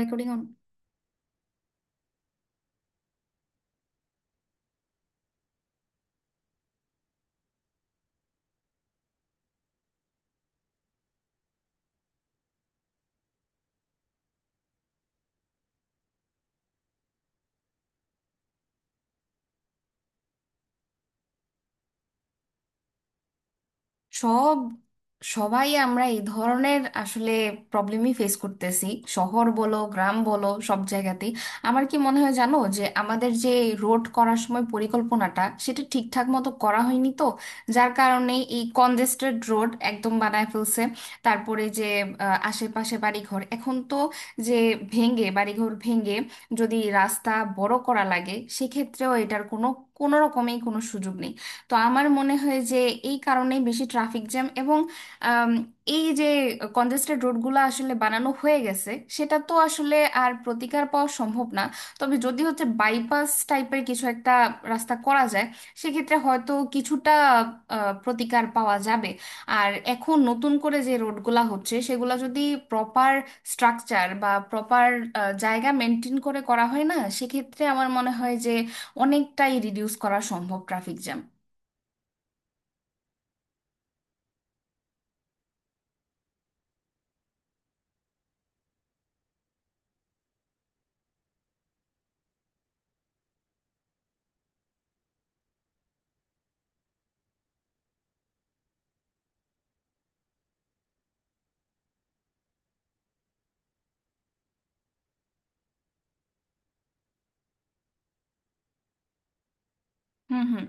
Recording on. সব সবাই আমরা এই ধরনের আসলে প্রবলেমই ফেস করতেছি, শহর বলো গ্রাম বলো সব জায়গাতেই। আমার কি মনে হয় জানো, যে আমাদের যে রোড করার সময় পরিকল্পনাটা সেটা ঠিকঠাক মতো করা হয়নি, তো যার কারণে এই কনজেস্টেড রোড একদম বানায় ফেলছে। তারপরে যে আশেপাশে বাড়িঘর এখন তো, যে ভেঙে, বাড়িঘর ভেঙে যদি রাস্তা বড় করা লাগে, সেক্ষেত্রেও এটার কোনো কোনো রকমেই কোনো সুযোগ নেই। তো আমার মনে হয় যে এই কারণেই বেশি ট্রাফিক জ্যাম। এবং আম, এই যে কনজেস্টেড রোডগুলো আসলে বানানো হয়ে গেছে, সেটা তো আসলে আর প্রতিকার পাওয়া সম্ভব না। তবে যদি হচ্ছে বাইপাস টাইপের কিছু একটা রাস্তা করা যায়, সেক্ষেত্রে হয়তো কিছুটা প্রতিকার পাওয়া যাবে। আর এখন নতুন করে যে রোডগুলা হচ্ছে সেগুলা যদি প্রপার স্ট্রাকচার বা প্রপার জায়গা মেনটেন করে করা হয় না, সেক্ষেত্রে আমার মনে হয় যে অনেকটাই রিডিউস করা সম্ভব ট্রাফিক জ্যাম। হুম, হুম।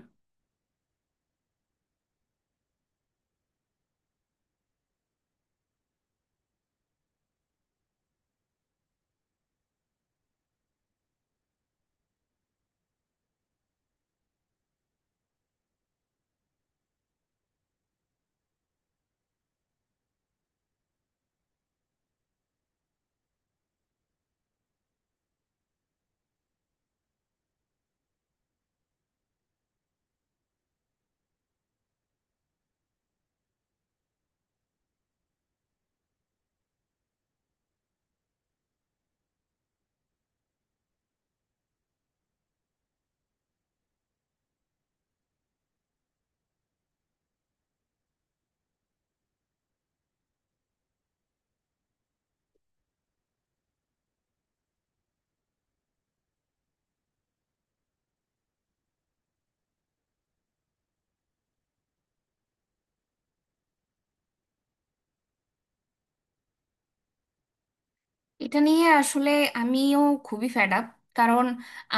এটা নিয়ে আসলে আমিও খুবই ফেড আপ। কারণ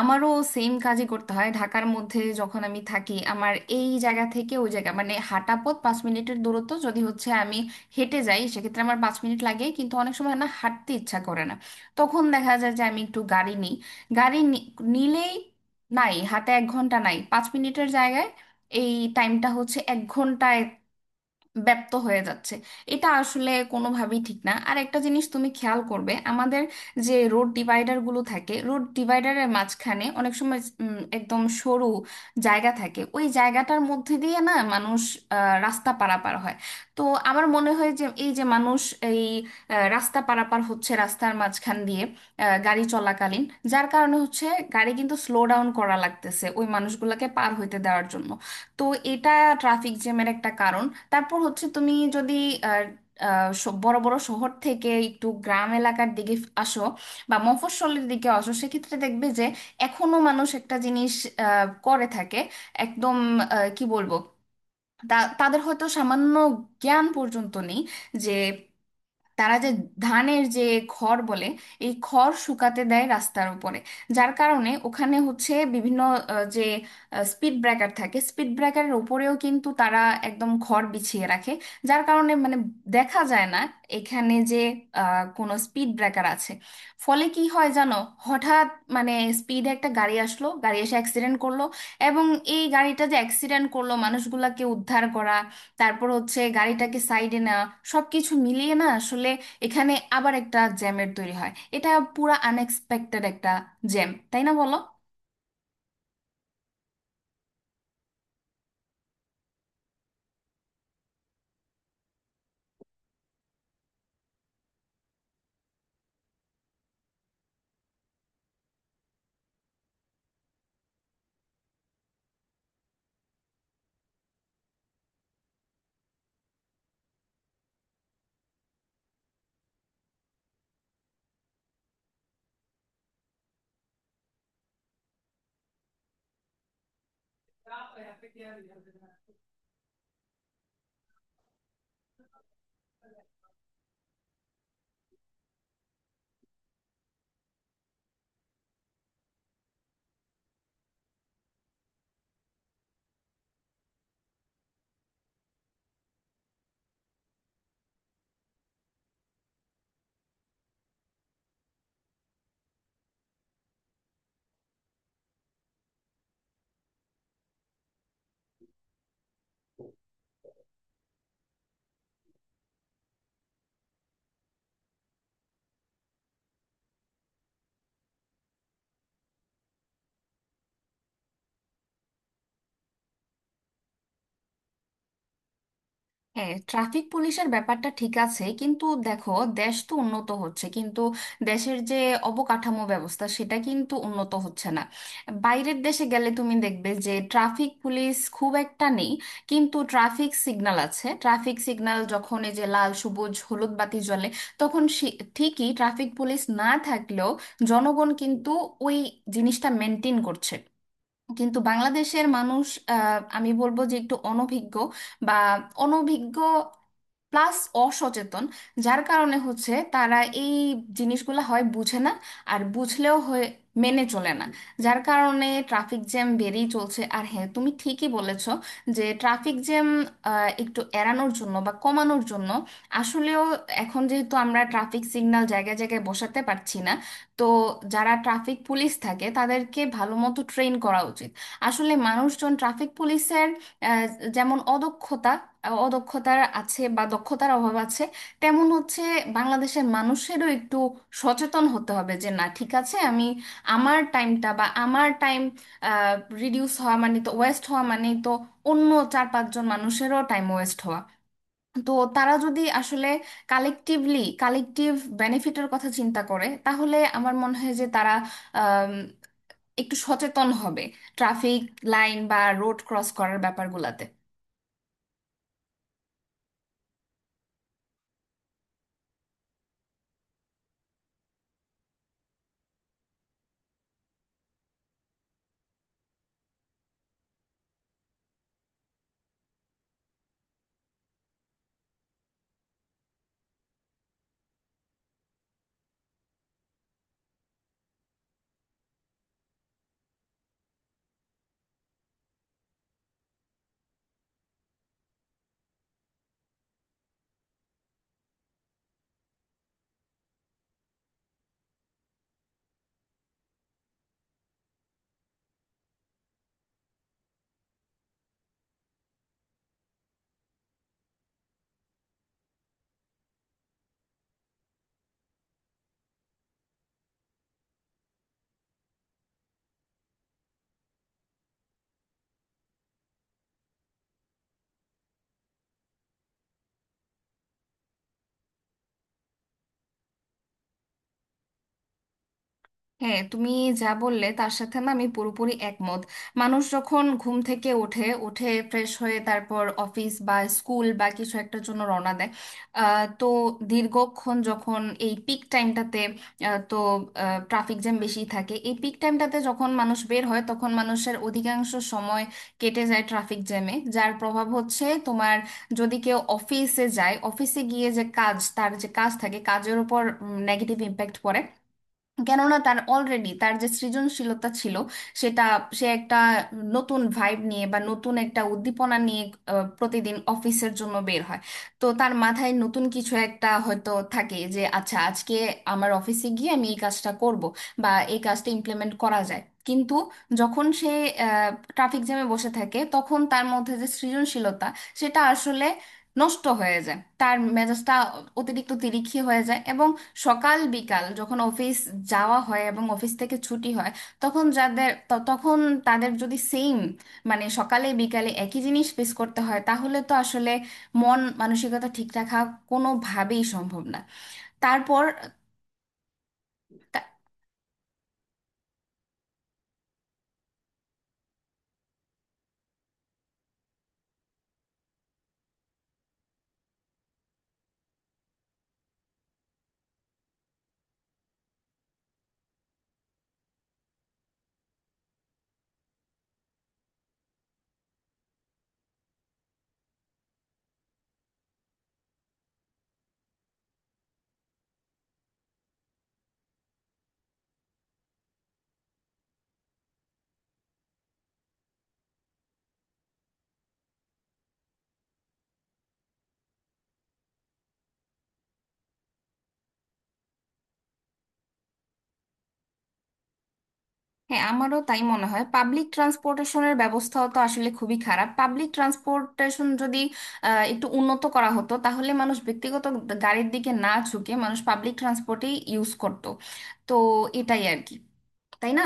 আমারও সেম কাজই করতে হয়। ঢাকার মধ্যে যখন আমি থাকি, আমার এই জায়গা থেকে ওই জায়গা মানে হাঁটা পথ 5 মিনিটের দূরত্ব যদি হচ্ছে, আমি হেঁটে যাই, সেক্ষেত্রে আমার 5 মিনিট লাগে। কিন্তু অনেক সময় না হাঁটতে ইচ্ছা করে না, তখন দেখা যায় যে আমি একটু গাড়ি নিই। গাড়ি নি- নিলেই নাই হাতে 1 ঘন্টা, নাই 5 মিনিটের জায়গায় এই টাইমটা হচ্ছে 1 ঘন্টায় ব্যপ্ত হয়ে যাচ্ছে। এটা আসলে কোনোভাবেই ঠিক না। আর একটা জিনিস তুমি খেয়াল করবে, আমাদের যে রোড ডিভাইডারগুলো থাকে, রোড ডিভাইডারের মাঝখানে অনেক সময় একদম সরু জায়গা থাকে। ওই জায়গাটার মধ্যে দিয়ে না মানুষ রাস্তা পারাপার হয়। তো আমার মনে হয় যে এই যে মানুষ এই রাস্তা পারাপার হচ্ছে রাস্তার মাঝখান দিয়ে গাড়ি চলাকালীন, যার কারণে হচ্ছে গাড়ি কিন্তু স্লো ডাউন করা লাগতেছে ওই মানুষগুলোকে পার হইতে দেওয়ার জন্য। তো এটা ট্রাফিক জ্যামের একটা কারণ। তারপর হচ্ছে তুমি যদি আর, বড় বড় শহর থেকে একটু গ্রাম এলাকার দিকে আসো বা মফস্বলের দিকে আসো, সেক্ষেত্রে দেখবে যে এখনো মানুষ একটা জিনিস করে থাকে। একদম কি বলবো, তাদের হয়তো সামান্য জ্ঞান পর্যন্ত নেই যে তারা যে ধানের যে খড় বলে, এই খড় শুকাতে দেয় রাস্তার উপরে। যার কারণে ওখানে হচ্ছে বিভিন্ন যে স্পিড ব্রেকার থাকে, স্পিড ব্রেকারের উপরেও কিন্তু তারা একদম খড় বিছিয়ে রাখে। যার কারণে মানে দেখা যায় না এখানে যে কোনো স্পিড ব্রেকার আছে। ফলে কি হয় জানো, হঠাৎ মানে স্পিডে একটা গাড়ি আসলো, গাড়ি এসে অ্যাক্সিডেন্ট করলো। এবং এই গাড়িটা যে অ্যাক্সিডেন্ট করলো, মানুষগুলাকে উদ্ধার করা, তারপর হচ্ছে গাড়িটাকে সাইডে নেওয়া, সবকিছু মিলিয়ে না আসলে এখানে আবার একটা জ্যামের তৈরি হয়। এটা পুরা আনএক্সপেক্টেড একটা জ্যাম, তাই না বলো? হ্যাঁ, ট্রাফিক পুলিশের ব্যাপারটা ঠিক আছে, কিন্তু দেখো, দেশ তো উন্নত হচ্ছে কিন্তু দেশের যে অবকাঠামো ব্যবস্থা, সেটা কিন্তু উন্নত হচ্ছে না। বাইরের দেশে গেলে তুমি দেখবে যে ট্রাফিক পুলিশ খুব একটা নেই, কিন্তু ট্রাফিক সিগন্যাল আছে। ট্রাফিক সিগন্যাল যখন এই যে লাল সবুজ হলুদ বাতি জ্বলে, তখন ঠিকই ট্রাফিক পুলিশ না থাকলেও জনগণ কিন্তু ওই জিনিসটা মেনটেন করছে। কিন্তু বাংলাদেশের মানুষ, আমি বলবো যে একটু অনভিজ্ঞ বা অনভিজ্ঞ প্লাস অসচেতন, যার কারণে হচ্ছে তারা এই জিনিসগুলো হয় বুঝে না, আর বুঝলেও হয়ে মেনে চলে না। যার কারণে ট্রাফিক জ্যাম বেড়েই চলছে। আর হ্যাঁ তুমি ঠিকই বলেছ যে ট্রাফিক জ্যাম একটু এড়ানোর জন্য বা কমানোর জন্য আসলেও, এখন যেহেতু আমরা ট্রাফিক সিগন্যাল জায়গায় জায়গায় বসাতে পারছি না, তো যারা ট্রাফিক পুলিশ থাকে তাদেরকে ভালো মতো ট্রেন করা উচিত। আসলে মানুষজন ট্রাফিক পুলিশের যেমন অদক্ষতা অদক্ষতার আছে বা দক্ষতার অভাব আছে, তেমন হচ্ছে বাংলাদেশের মানুষেরও একটু সচেতন হতে হবে, যে না ঠিক আছে আমি আমার টাইমটা বা আমার টাইম রিডিউস হওয়া মানে তো ওয়েস্ট হওয়া, মানে তো অন্য 4-5 জন মানুষেরও টাইম ওয়েস্ট হওয়া। তো তারা যদি আসলে কালেকটিভলি, কালেকটিভ বেনিফিটের কথা চিন্তা করে, তাহলে আমার মনে হয় যে তারা আম, একটু সচেতন হবে ট্রাফিক লাইন বা রোড ক্রস করার ব্যাপারগুলোতে। হ্যাঁ, তুমি যা বললে তার সাথে না আমি পুরোপুরি একমত। মানুষ যখন ঘুম থেকে ওঠে, উঠে ফ্রেশ হয়ে তারপর অফিস বা স্কুল বা কিছু একটার জন্য রওনা দেয়, তো দীর্ঘক্ষণ যখন এই পিক টাইমটাতে, তো ট্রাফিক জ্যাম বেশি থাকে এই পিক টাইমটাতে, যখন মানুষ বের হয় তখন মানুষের অধিকাংশ সময় কেটে যায় ট্রাফিক জ্যামে, যার প্রভাব হচ্ছে তোমার যদি কেউ অফিসে যায়, অফিসে গিয়ে যে কাজ, তার যে কাজ থাকে কাজের উপর নেগেটিভ ইম্প্যাক্ট পড়ে। কেননা তার অলরেডি তার যে সৃজনশীলতা ছিল সেটা, সে একটা নতুন ভাইব নিয়ে বা নতুন একটা উদ্দীপনা নিয়ে প্রতিদিন অফিসের জন্য বের হয়। তো তার মাথায় নতুন কিছু একটা হয়তো থাকে যে আচ্ছা আজকে আমার অফিসে গিয়ে আমি এই কাজটা করব বা এই কাজটা ইমপ্লিমেন্ট করা যায়। কিন্তু যখন সে ট্রাফিক জ্যামে বসে থাকে, তখন তার মধ্যে যে সৃজনশীলতা, সেটা আসলে নষ্ট হয়ে যায়, তার মেজাজটা অতিরিক্ত তিরিক্ষি হয়ে যায়। এবং সকাল বিকাল যখন অফিস যাওয়া হয় এবং অফিস থেকে ছুটি হয়, তখন যাদের তখন তাদের যদি সেম মানে সকালে বিকালে একই জিনিস ফেস করতে হয়, তাহলে তো আসলে মন মানসিকতা ঠিক রাখা কোনোভাবেই সম্ভব না। তারপর হ্যাঁ, আমারও তাই মনে হয়। পাবলিক ট্রান্সপোর্টেশনের ব্যবস্থাও তো আসলে খুবই খারাপ। পাবলিক ট্রান্সপোর্টেশন যদি একটু উন্নত করা হতো, তাহলে মানুষ ব্যক্তিগত গাড়ির দিকে না ঝুঁকে মানুষ পাবলিক ট্রান্সপোর্টেই ইউজ করত। তো এটাই আর কি। তাই না?